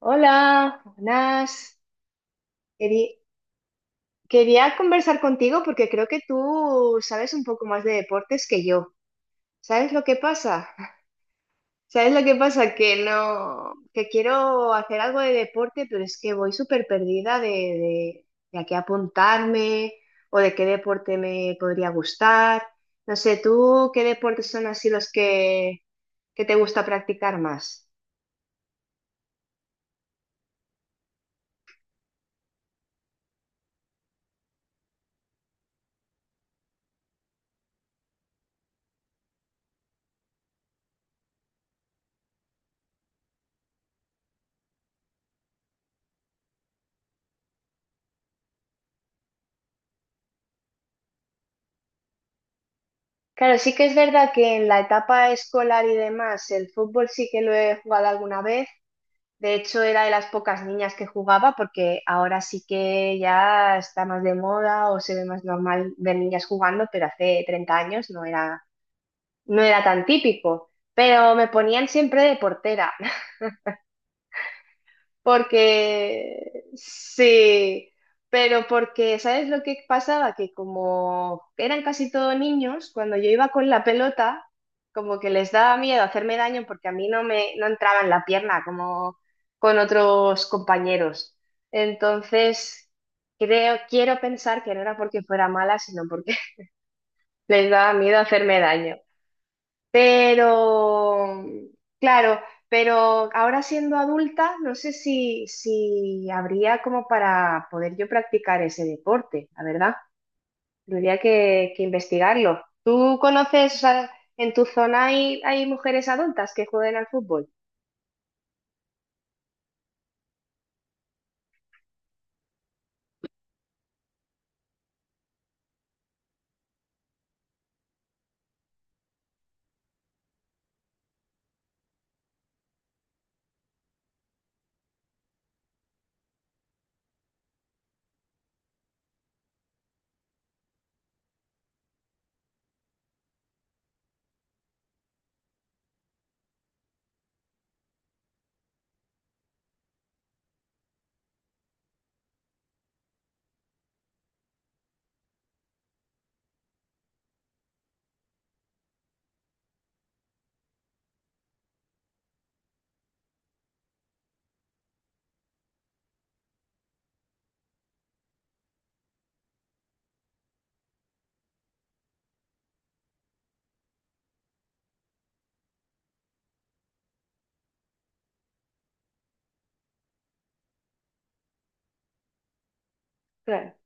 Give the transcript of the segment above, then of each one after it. Hola, buenas. Quería, quería conversar contigo porque creo que tú sabes un poco más de deportes que yo. ¿Sabes lo que pasa? ¿Sabes lo que pasa? Que no, que quiero hacer algo de deporte, pero es que voy súper perdida de a qué apuntarme o de qué deporte me podría gustar. No sé, ¿tú qué deportes son así que te gusta practicar más? Claro, sí que es verdad que en la etapa escolar y demás, el fútbol sí que lo he jugado alguna vez. De hecho, era de las pocas niñas que jugaba porque ahora sí que ya está más de moda o se ve más normal ver niñas jugando, pero hace 30 años no era tan típico. Pero me ponían siempre de portera. Porque sí, pero porque, ¿sabes lo que pasaba? Que como eran casi todos niños, cuando yo iba con la pelota, como que les daba miedo hacerme daño porque a mí no entraba en la pierna como con otros compañeros. Entonces, quiero pensar que no era porque fuera mala, sino porque les daba miedo hacerme daño. Pero, claro, pero ahora siendo adulta, no sé si habría como para poder yo practicar ese deporte, la verdad. Tendría que investigarlo. ¿Tú conoces, o sea, en tu zona hay, hay mujeres adultas que jueguen al fútbol? Claro.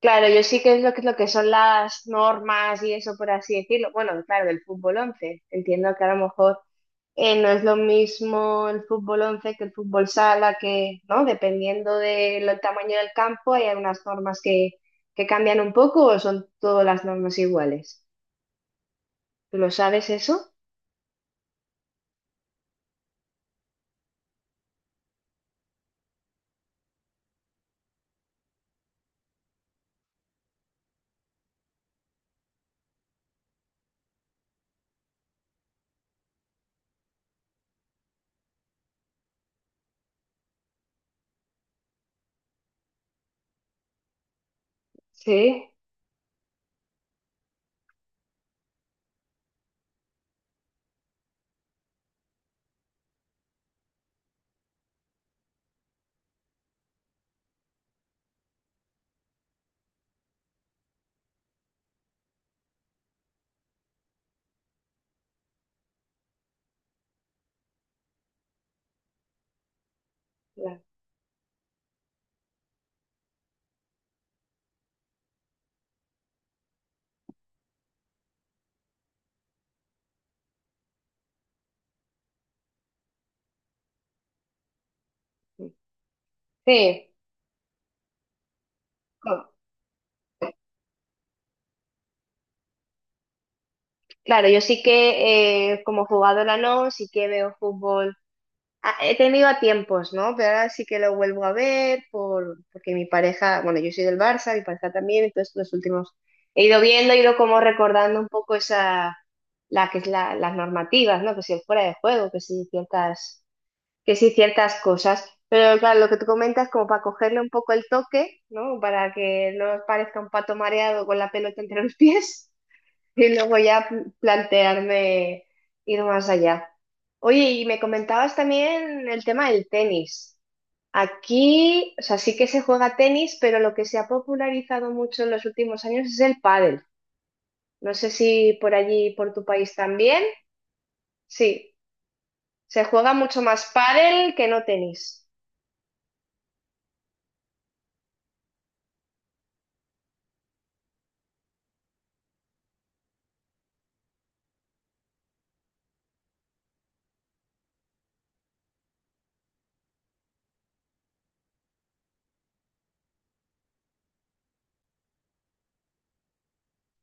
Claro, yo sí que es lo que son las normas y eso, por así decirlo. Bueno, claro, del fútbol 11. Entiendo que a lo mejor no es lo mismo el fútbol 11 que el fútbol sala, que, ¿no? Dependiendo del tamaño del campo, hay algunas normas que cambian un poco, o son todas las normas iguales. ¿Tú lo sabes eso? Sí. la- Sí. Co- Claro, yo sí que como jugadora no, sí que veo fútbol. He tenido a tiempos, ¿no? Pero ahora sí que lo vuelvo a ver porque mi pareja, bueno, yo soy del Barça, mi pareja también, entonces los últimos he ido viendo, he ido como recordando un poco la que es las normativas, ¿no? Que si el fuera de juego, que si ciertas cosas. Pero claro, lo que tú comentas, como para cogerle un poco el toque, ¿no? Para que no parezca un pato mareado con la pelota entre los pies. Y luego ya plantearme ir más allá. Oye, y me comentabas también el tema del tenis. Aquí, o sea, sí que se juega tenis, pero lo que se ha popularizado mucho en los últimos años es el pádel. No sé si por allí, por tu país también. Sí, se juega mucho más pádel que no tenis.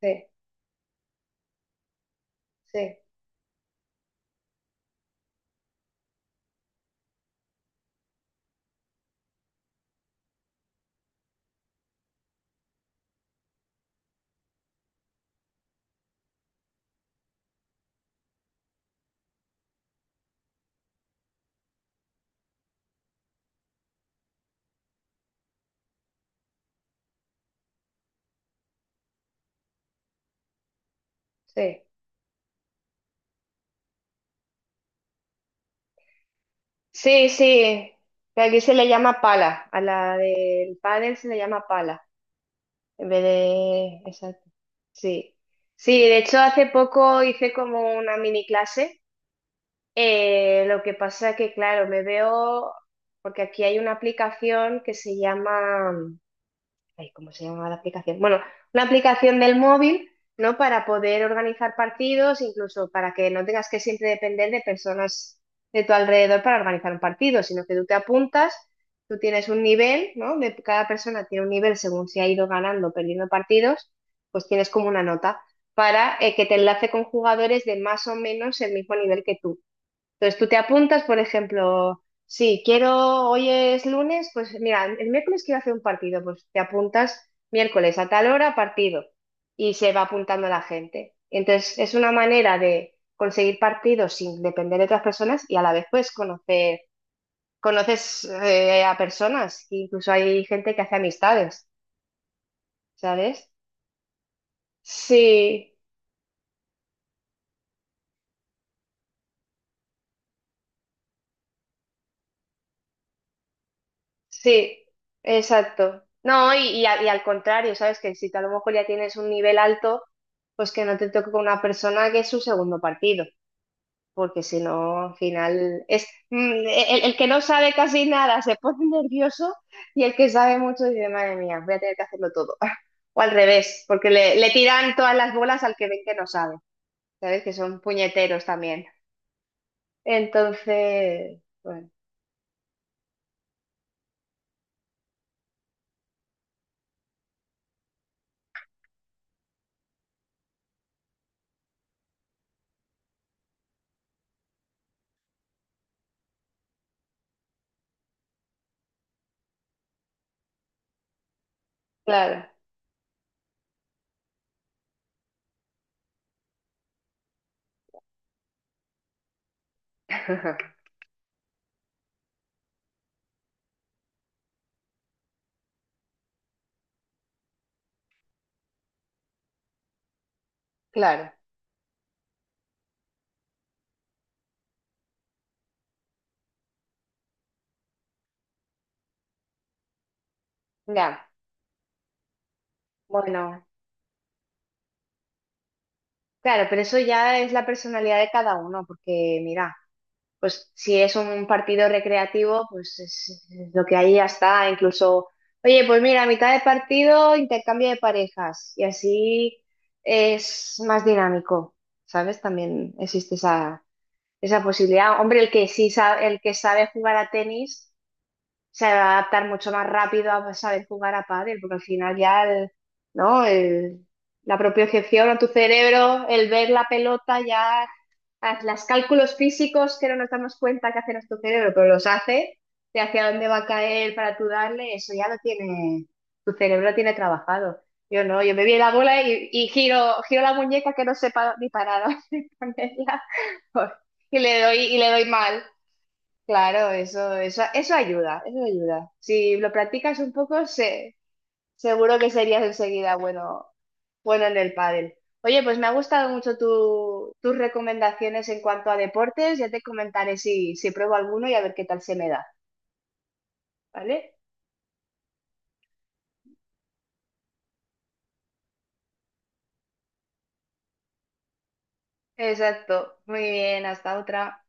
Sí, sí, sí. Sí, sí. que Aquí se le llama pala. A la del pádel se le llama pala. En vez de... Exacto. Sí. Sí, de hecho hace poco hice como una mini clase. Lo que pasa que, claro, porque aquí hay una aplicación que se llama, ay, ¿cómo se llama la aplicación? Bueno, una aplicación del móvil, ¿no? Para poder organizar partidos, incluso para que no tengas que siempre depender de personas de tu alrededor para organizar un partido, sino que tú te apuntas, tú tienes un nivel, ¿no? Cada persona tiene un nivel según si ha ido ganando o perdiendo partidos, pues tienes como una nota para que te enlace con jugadores de más o menos el mismo nivel que tú. Entonces tú te apuntas, por ejemplo, si quiero, hoy es lunes, pues mira, el miércoles quiero hacer un partido, pues te apuntas miércoles a tal hora, partido, y se va apuntando la gente. Entonces es una manera de conseguir partidos sin depender de otras personas, y a la vez conoces a personas, incluso hay gente que hace amistades, ¿sabes? Sí. Sí, exacto. No, y al contrario, ¿sabes? Que si tú a lo mejor ya tienes un nivel alto, pues que no te toque con una persona que es su segundo partido, porque si no, al final es el que no sabe casi nada se pone nervioso, y el que sabe mucho dice, madre mía, voy a tener que hacerlo todo. O al revés, porque le tiran todas las bolas al que ven que no sabe, ¿sabes? Que son puñeteros también. Entonces, bueno, claro, claro, ya. Bueno. Claro, pero eso ya es la personalidad de cada uno, porque mira, pues si es un partido recreativo, pues es lo que ahí ya está. Incluso, oye, pues mira, a mitad de partido intercambio de parejas, y así es más dinámico, ¿sabes? También existe esa posibilidad. Hombre, el que sí sabe, el que sabe jugar a tenis se va a adaptar mucho más rápido a saber jugar a pádel, porque al final ya el, ¿no? El- la propiocepción a tu cerebro, el ver la pelota, ya haz los cálculos físicos que no nos damos cuenta que hace nuestro cerebro, pero los hace, de hacia dónde va a caer para tú darle, eso ya lo tiene, tu cerebro lo tiene trabajado. Yo no, yo me vi la bola y giro la muñeca que no sepa ni parar dónde ponerla y le doy mal. Claro, eso ayuda, eso ayuda. Si lo practicas un poco, seguro que serías enseguida bueno en el pádel. Oye, pues me ha gustado mucho tus recomendaciones en cuanto a deportes. Ya te comentaré si, si pruebo alguno y a ver qué tal se me da, ¿vale? Exacto. Muy bien, hasta otra.